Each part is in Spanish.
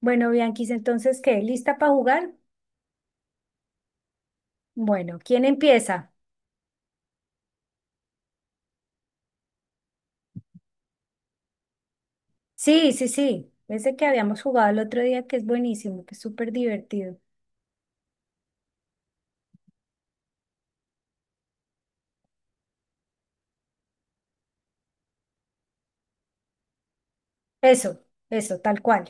Bueno, Bianquis, entonces, ¿qué? ¿Lista para jugar? Bueno, ¿quién empieza? Sí, sí, sí. Ese que habíamos jugado el otro día, que es buenísimo, que es súper divertido. Eso, tal cual.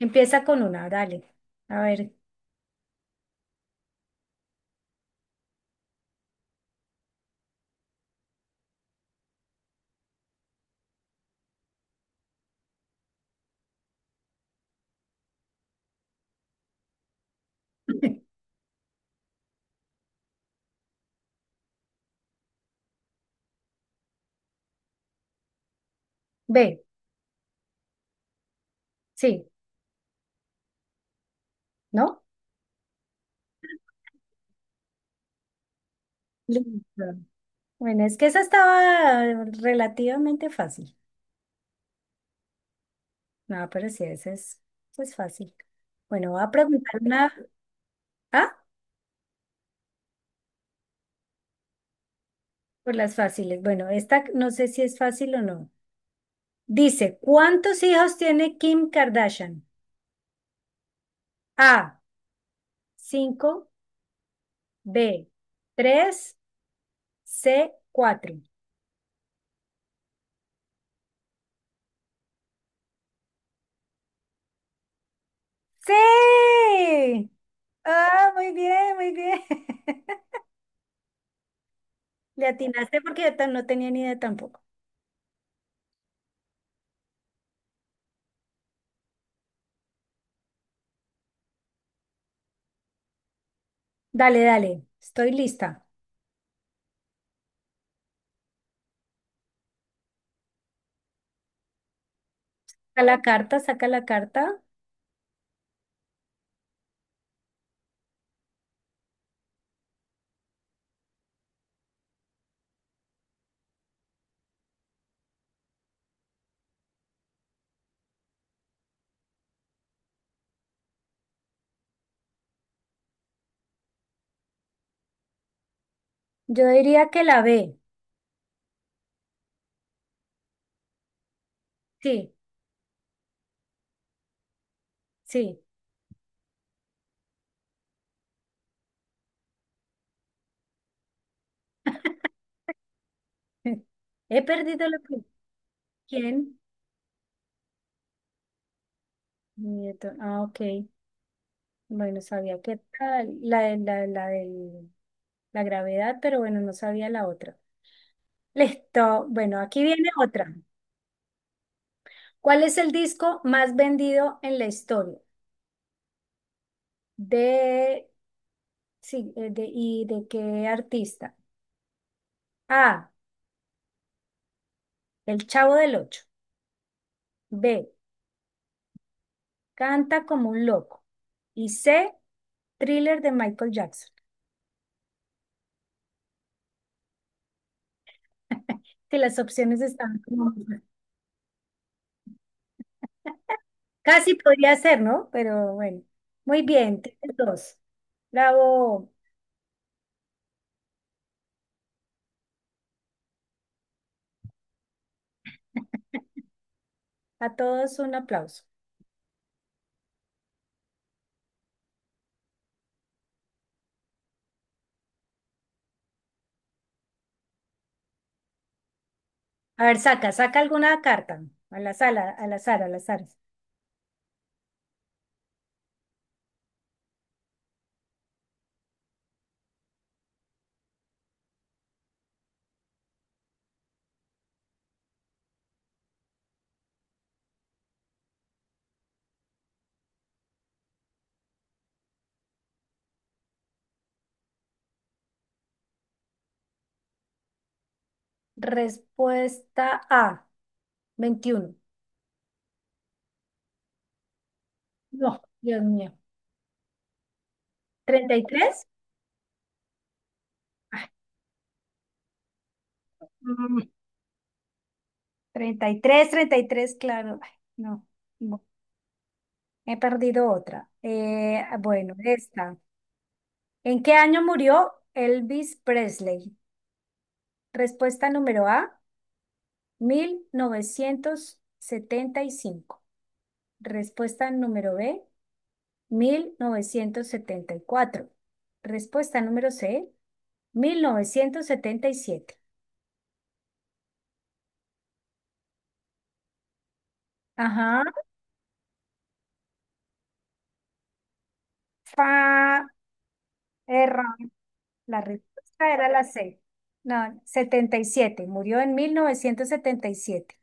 Empieza con una, dale. A ver. Ve. Sí, ¿no? Listo. Bueno, es que esa estaba relativamente fácil. No, pero sí, esa es fácil. Bueno, voy a preguntar una. Ah, por las fáciles. Bueno, esta no sé si es fácil o no. Dice, ¿cuántos hijos tiene Kim Kardashian? A, 5, B, 3, C, 4. Sí. Ah, muy bien, muy bien. Le atinaste porque yo no tenía ni idea tampoco. Dale, dale, estoy lista. Saca la carta, saca la carta. Yo diría que la B. Sí, sí. He perdido lo que... ¿Quién? Nieto. Ah, ok. Bueno, sabía que era la, de la, la del- la gravedad, pero bueno, no sabía la otra. Listo. Bueno, aquí viene otra. ¿Cuál es el disco más vendido en la historia? De, sí, ¿y de qué artista? A, El Chavo del Ocho. B, Canta como un loco. Y C, Thriller de Michael Jackson. Que las opciones están como... Casi podría ser, ¿no? Pero bueno, muy bien, tienes dos. Bravo. A todos un aplauso. A ver, saca, saca alguna carta. A la sala, a la sala, a la sala. Respuesta A, 21. No, Dios mío. 33. Ay, mm, 33, 33, claro. Ay, no, no, he perdido otra. Bueno, esta. ¿En qué año murió Elvis Presley? Respuesta número A, 1975. Respuesta número B, 1974. Respuesta número C, 1977. Ajá, fa, error. La respuesta era la C. No, 77. Murió en 1977.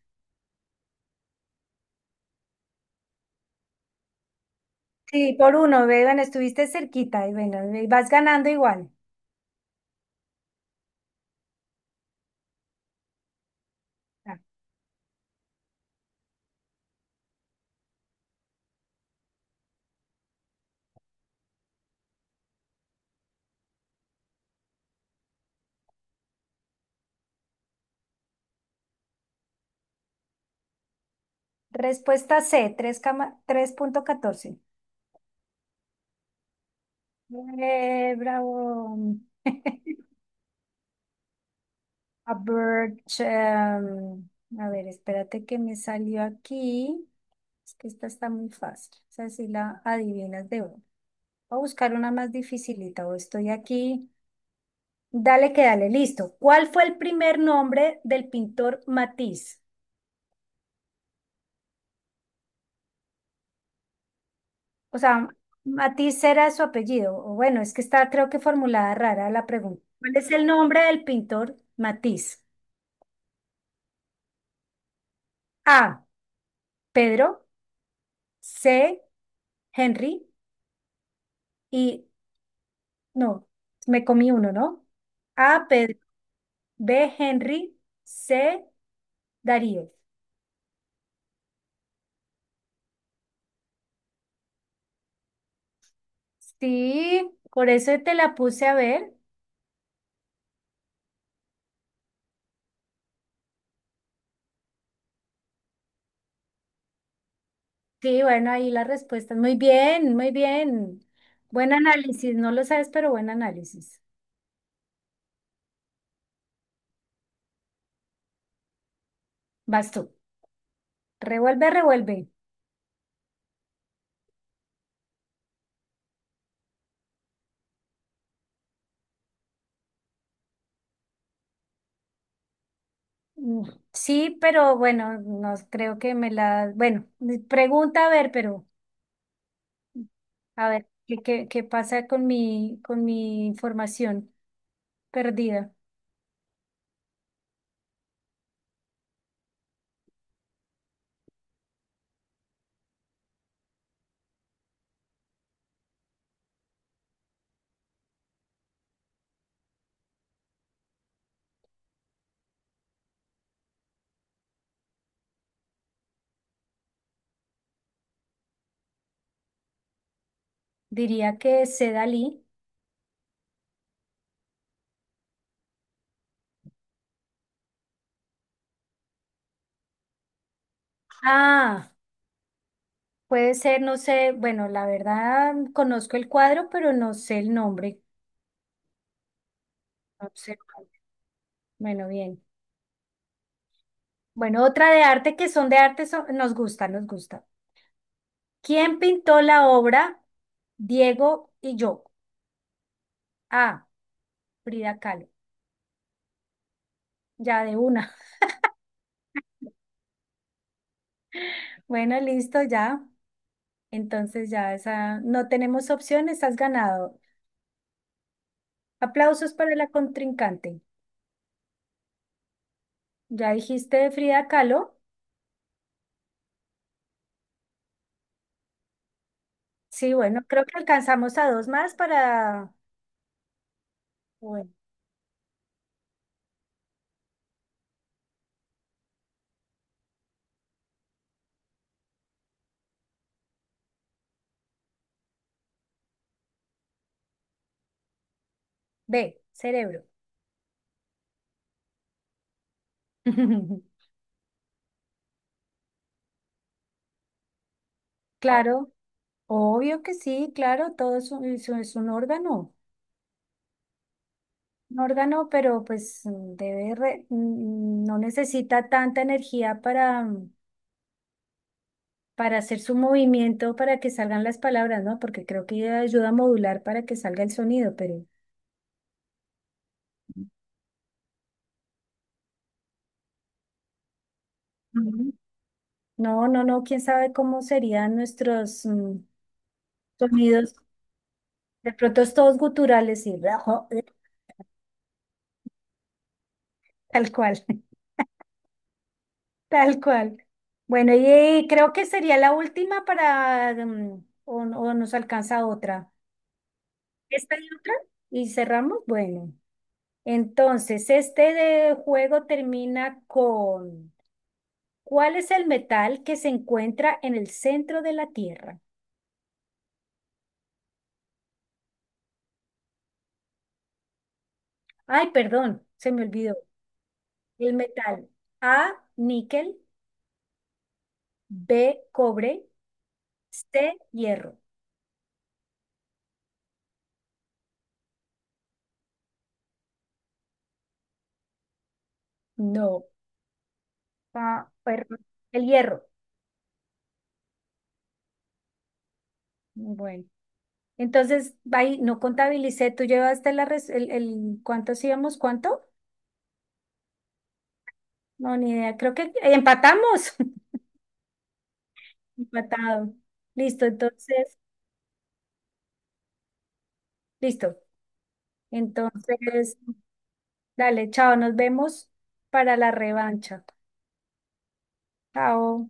Sí, por uno, ve, bueno estuviste cerquita y bueno, y vas ganando igual. Ah, Respuesta C, 3,14. Bravo. A bird, a ver, espérate que me salió aquí. Es que esta está muy fácil. O sea, si la adivinas de uno. Voy a buscar una más dificilita. O estoy aquí. Dale que dale, listo. ¿Cuál fue el primer nombre del pintor Matisse? O sea, Matisse era su apellido. O bueno, es que está creo que formulada rara la pregunta. ¿Cuál es el nombre del pintor Matisse? A. Pedro. C. Henry. Y no, me comí uno, ¿no? A, Pedro. B, Henry. C, Darío. Sí, por eso te la puse a ver. Sí, bueno, ahí la respuesta. Muy bien, muy bien. Buen análisis, no lo sabes, pero buen análisis. Vas tú. Revuelve, revuelve. Mm, sí, pero bueno, no creo que me la... Bueno, mi pregunta a ver, pero a ver, ¿qué pasa con mi información perdida? Diría que es Dalí. Ah, puede ser, no sé, bueno, la verdad conozco el cuadro, pero no sé el nombre. No sé. Bueno, bien. Bueno, otra de arte que son de arte, nos gusta, nos gusta. ¿Quién pintó la obra? Diego y yo. Ah, Frida Kahlo. Ya de una. Bueno, listo, ya. Entonces ya esa, no tenemos opción, estás ganado. Aplausos para la contrincante. Ya dijiste de Frida Kahlo. Sí, bueno, creo que alcanzamos a dos más para, bueno, B, cerebro. Claro, obvio que sí, claro, todo es un, es un órgano, pero pues debe no necesita tanta energía para, para hacer su movimiento, para que salgan las palabras, ¿no? Porque creo que ayuda a modular para que salga el sonido, pero ujú. No, no, no, quién sabe cómo serían nuestros sonidos. De pronto es todos guturales y... Tal cual, tal cual. Bueno, y creo que sería la última para, o, o nos alcanza otra. ¿Esta y otra? Y cerramos. Bueno, entonces, este de juego termina con, ¿cuál es el metal que se encuentra en el centro de la Tierra? Ay, perdón, se me olvidó. El metal. A, níquel, B, cobre, C, hierro. No, ah, perdón, el hierro. Bueno. Entonces, ahí no contabilicé, tú llevaste la ¿cuántos íbamos? ¿Cuánto? No, ni idea, creo que empatamos. Empatado. Listo, entonces, listo. Entonces, dale, chao, nos vemos para la revancha. Chao.